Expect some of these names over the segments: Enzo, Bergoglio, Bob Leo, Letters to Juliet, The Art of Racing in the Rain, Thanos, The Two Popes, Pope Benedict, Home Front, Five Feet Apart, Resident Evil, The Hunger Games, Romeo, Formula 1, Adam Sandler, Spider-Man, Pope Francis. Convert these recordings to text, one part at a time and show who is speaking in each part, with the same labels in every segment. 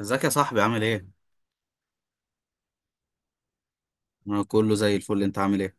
Speaker 1: ازيك يا صاحبي؟ عامل ايه؟ انا كله زي الفل، انت عامل ايه؟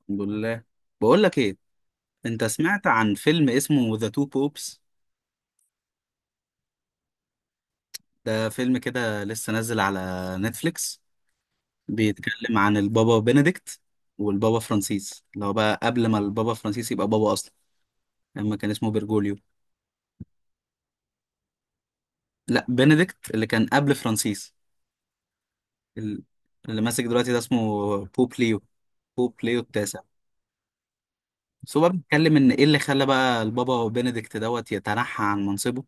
Speaker 1: الحمد لله. بقول لك ايه، انت سمعت عن فيلم اسمه ذا تو بوبس؟ ده فيلم كده لسه نازل على نتفليكس، بيتكلم عن البابا بنديكت والبابا فرانسيس، اللي هو بقى قبل ما البابا فرانسيس يبقى بابا اصلا لما كان اسمه بيرجوليو. لا، بنديكت اللي كان قبل فرانسيس. ال- اللي ماسك دلوقتي ده اسمه بوب ليو، بوب ليو التاسع. بس هو بقى بيتكلم ان ايه اللي خلى بقى البابا بنديكت دوت يتنحى عن منصبه.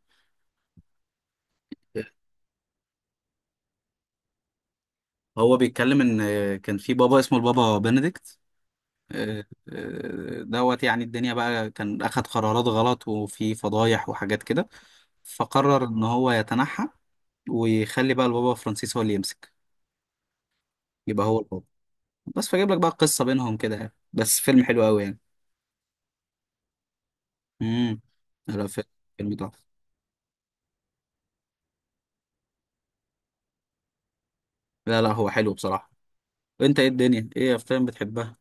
Speaker 1: هو بيتكلم ان كان في بابا اسمه البابا بنديكت. آه، دوت، يعني الدنيا بقى كان اخد قرارات غلط وفي فضايح وحاجات كده، فقرر ان هو يتنحى ويخلي بقى البابا فرانسيس هو اللي يمسك، يبقى هو البابا. بس فجيب لك بقى قصة بينهم كده، يعني بس فيلم حلو قوي يعني. امم لا، فيلم، فيلم تحفة. لا لا، هو حلو بصراحة. انت ايه الدنيا، ايه افلام بتحبها؟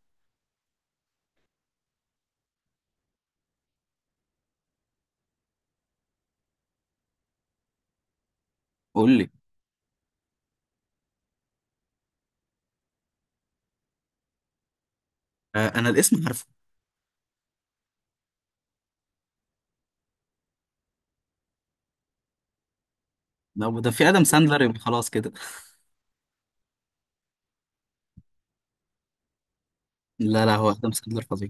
Speaker 1: قول لي. آه، انا الاسم عارفه. لو ده في ادم ساندلر يبقى خلاص كده. لا لا، هو ادم ساندلر فظيع.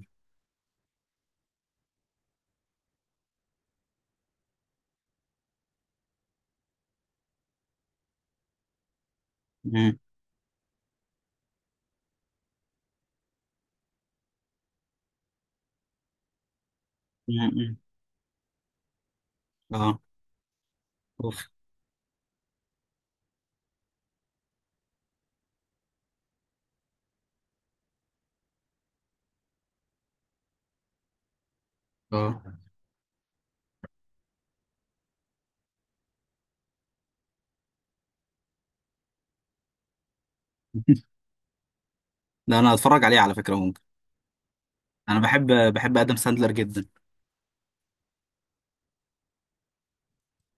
Speaker 1: مم. مم. اه. اوف. اه. ده انا هتفرج عليه على فكرة، ممكن. انا بحب، بحب ادم ساندلر جدا.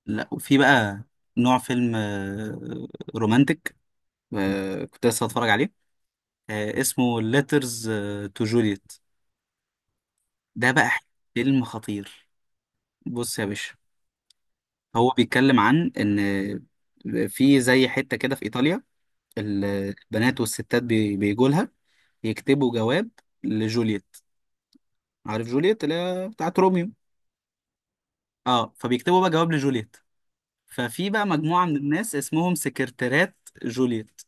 Speaker 1: لا، وفي بقى نوع فيلم، رومانتك، كنت لسه هتفرج عليه. اسمه ليترز تو جوليت، ده بقى فيلم خطير. بص يا باشا، هو بيتكلم عن ان في زي حتة كده في ايطاليا البنات والستات بيجوا لها يكتبوا جواب لجوليت. عارف جوليت اللي هي بتاعت روميو؟ اه، فبيكتبوا بقى جواب لجوليت. ففي بقى مجموعة من الناس اسمهم سكرتيرات جوليت،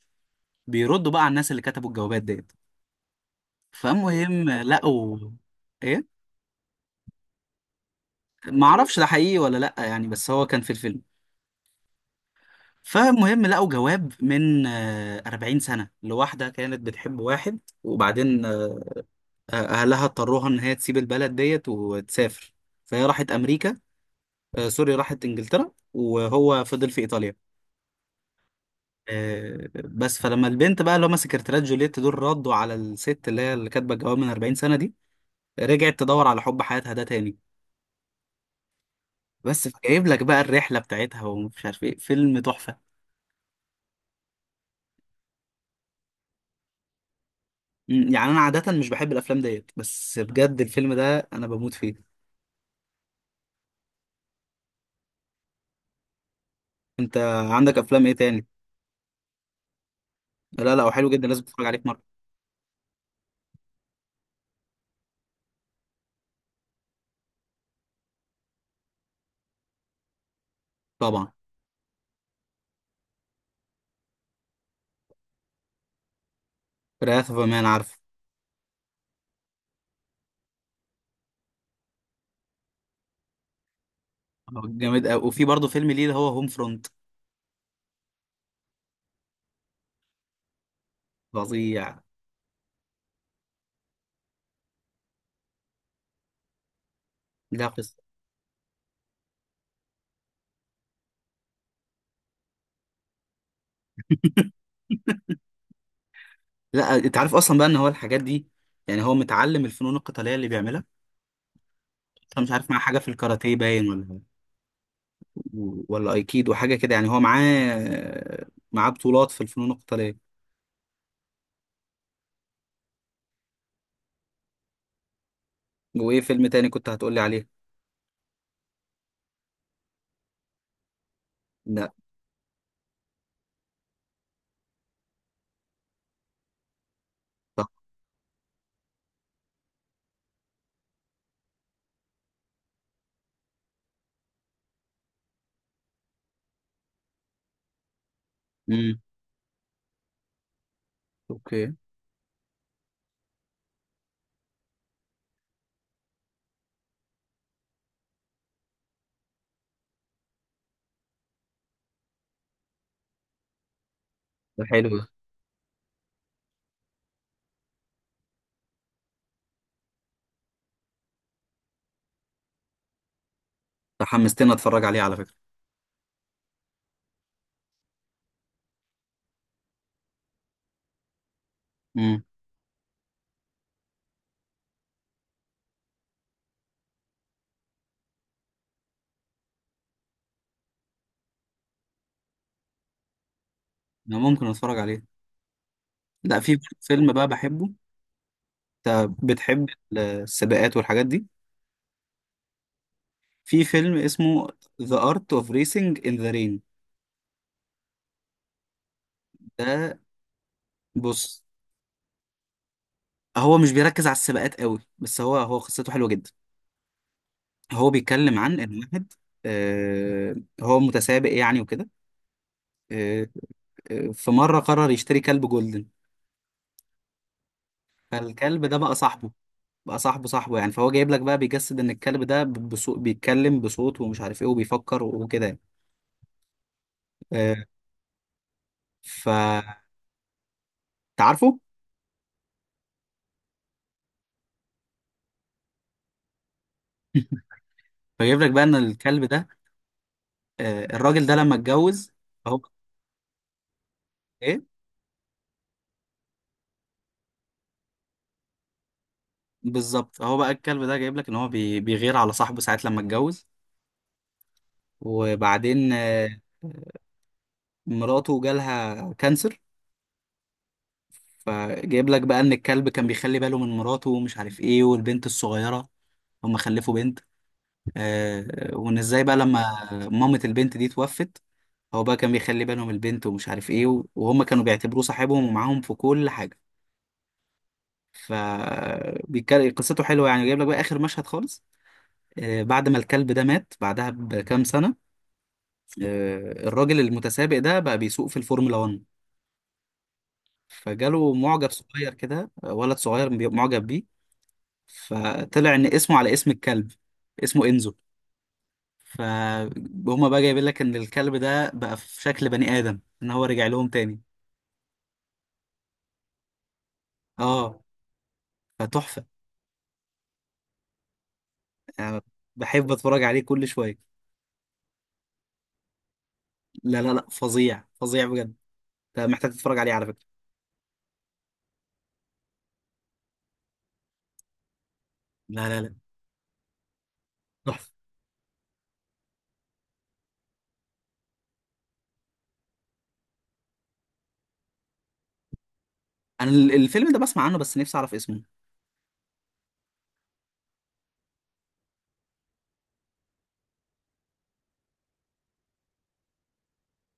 Speaker 1: بيردوا بقى على الناس اللي كتبوا الجوابات ديت. فالمهم لقوا، ايه، معرفش ده حقيقي ولا لأ يعني، بس هو كان في الفيلم. فالمهم لقوا جواب من 40 سنة لواحدة كانت بتحب واحد. وبعدين أهلها اضطروها إن هي تسيب البلد ديت وتسافر، فهي راحت أمريكا، سوري، راحت إنجلترا، وهو فضل في إيطاليا. بس فلما البنت بقى اللي هم سكرتيرات جوليت دول ردوا على الست اللي هي اللي كاتبه الجواب من 40 سنه دي، رجعت تدور على حب حياتها ده تاني. بس فجايب لك بقى الرحله بتاعتها ومش عارف ايه، فيلم تحفه. مم، يعني انا عاده مش بحب الافلام ديت، بس بجد الفيلم ده انا بموت فيه. انت عندك افلام ايه تاني؟ لا لا، هو حلو جدا، لازم تتفرج عليه في مره. طبعا. وراث اوف مان عارفه. هو جامد قوي، وفي برضه فيلم ليه اللي هو هوم فرونت. فظيع. لا، قصه. لا، انت عارف اصلا بقى ان هو الحاجات دي، يعني هو متعلم الفنون القتاليه اللي بيعملها. أنا مش عارف، مع حاجة في الكاراتيه باين، ولا ولا أيكيدو حاجة كده يعني، هو معاه بطولات في الفنون القتالية. وإيه فيلم تاني كنت هتقولي عليه؟ لا. صح. امم. أوكي. ده حلو ده. ده حمستني أتفرج عليه على فكرة. امم. أنا ممكن أتفرج عليه. لا، في فيلم بقى بحبه. أنت بتحب السباقات والحاجات دي؟ في فيلم اسمه The Art of Racing in the Rain. ده، بص، هو مش بيركز على السباقات قوي، بس هو هو قصته حلوة جدا. هو بيتكلم عن ان واحد، آه، هو متسابق يعني وكده. آه، في مره قرر يشتري كلب جولدن. فالكلب ده بقى صاحبه، بقى صاحبه صاحبه يعني، فهو جايب لك بقى بيجسد ان الكلب ده بصوت، بيتكلم بصوت ومش عارف ايه وبيفكر وكده يعني. آه، ف، تعرفه؟ فجايب لك بقى ان الكلب ده، الراجل ده لما اتجوز، هو ايه، بالظبط هو بقى الكلب ده جايب لك ان هو بيغير على صاحبه ساعات لما اتجوز. وبعدين مراته جالها كانسر، فجايب لك بقى ان الكلب كان بيخلي باله من مراته ومش عارف ايه والبنت الصغيره، هم خلفوا بنت. آه، وان ازاي بقى لما مامة البنت دي توفت، هو بقى كان بيخلي بالهم البنت ومش عارف ايه وهم كانوا بيعتبروه صاحبهم ومعاهم في كل حاجه. ف قصته حلوه يعني. جايب لك بقى اخر مشهد خالص، آه، بعد ما الكلب ده مات بعدها بكام سنه، آه، الراجل المتسابق ده بقى بيسوق في الفورمولا 1، فجاله معجب صغير كده، ولد صغير معجب بيه، فطلع ان اسمه على اسم الكلب، اسمه انزو. فهما بقى جايبين لك ان الكلب ده بقى في شكل بني ادم، ان هو رجع لهم تاني. اه، فتحفه يعني. بحب اتفرج عليه كل شويه. لا لا لا، فظيع فظيع بجد. انت محتاج تتفرج عليه على فكره. لا لا لا، تحفه. انا الفيلم ده بسمع عنه، بس نفسي اعرف اسمه.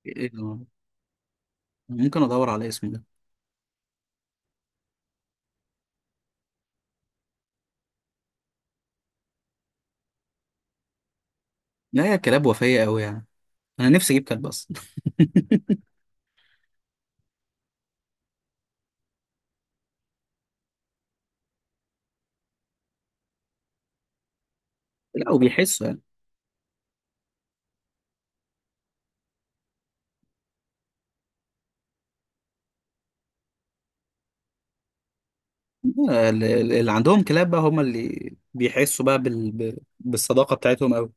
Speaker 1: إيه ده؟ ممكن ادور على اسمه ده. لا، يا كلاب، وفيه قوي يعني، انا نفسي اجيب كلب اصلا. لا، وبيحسوا يعني. اللي عندهم كلاب بقى هم اللي بيحسوا بقى بالصداقة بتاعتهم قوي.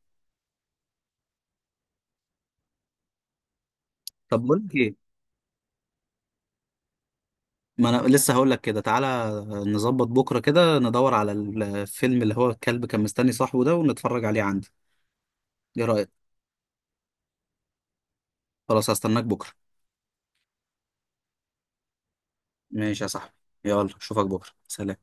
Speaker 1: طب بقول لك ايه، ما انا لسه هقول لك كده، تعالى نظبط بكرة كده ندور على الفيلم اللي هو الكلب كان مستني صاحبه ده ونتفرج عليه عندي، ايه رأيك؟ خلاص، هستناك بكرة. ماشي يا صاحبي، يلا اشوفك بكرة، سلام.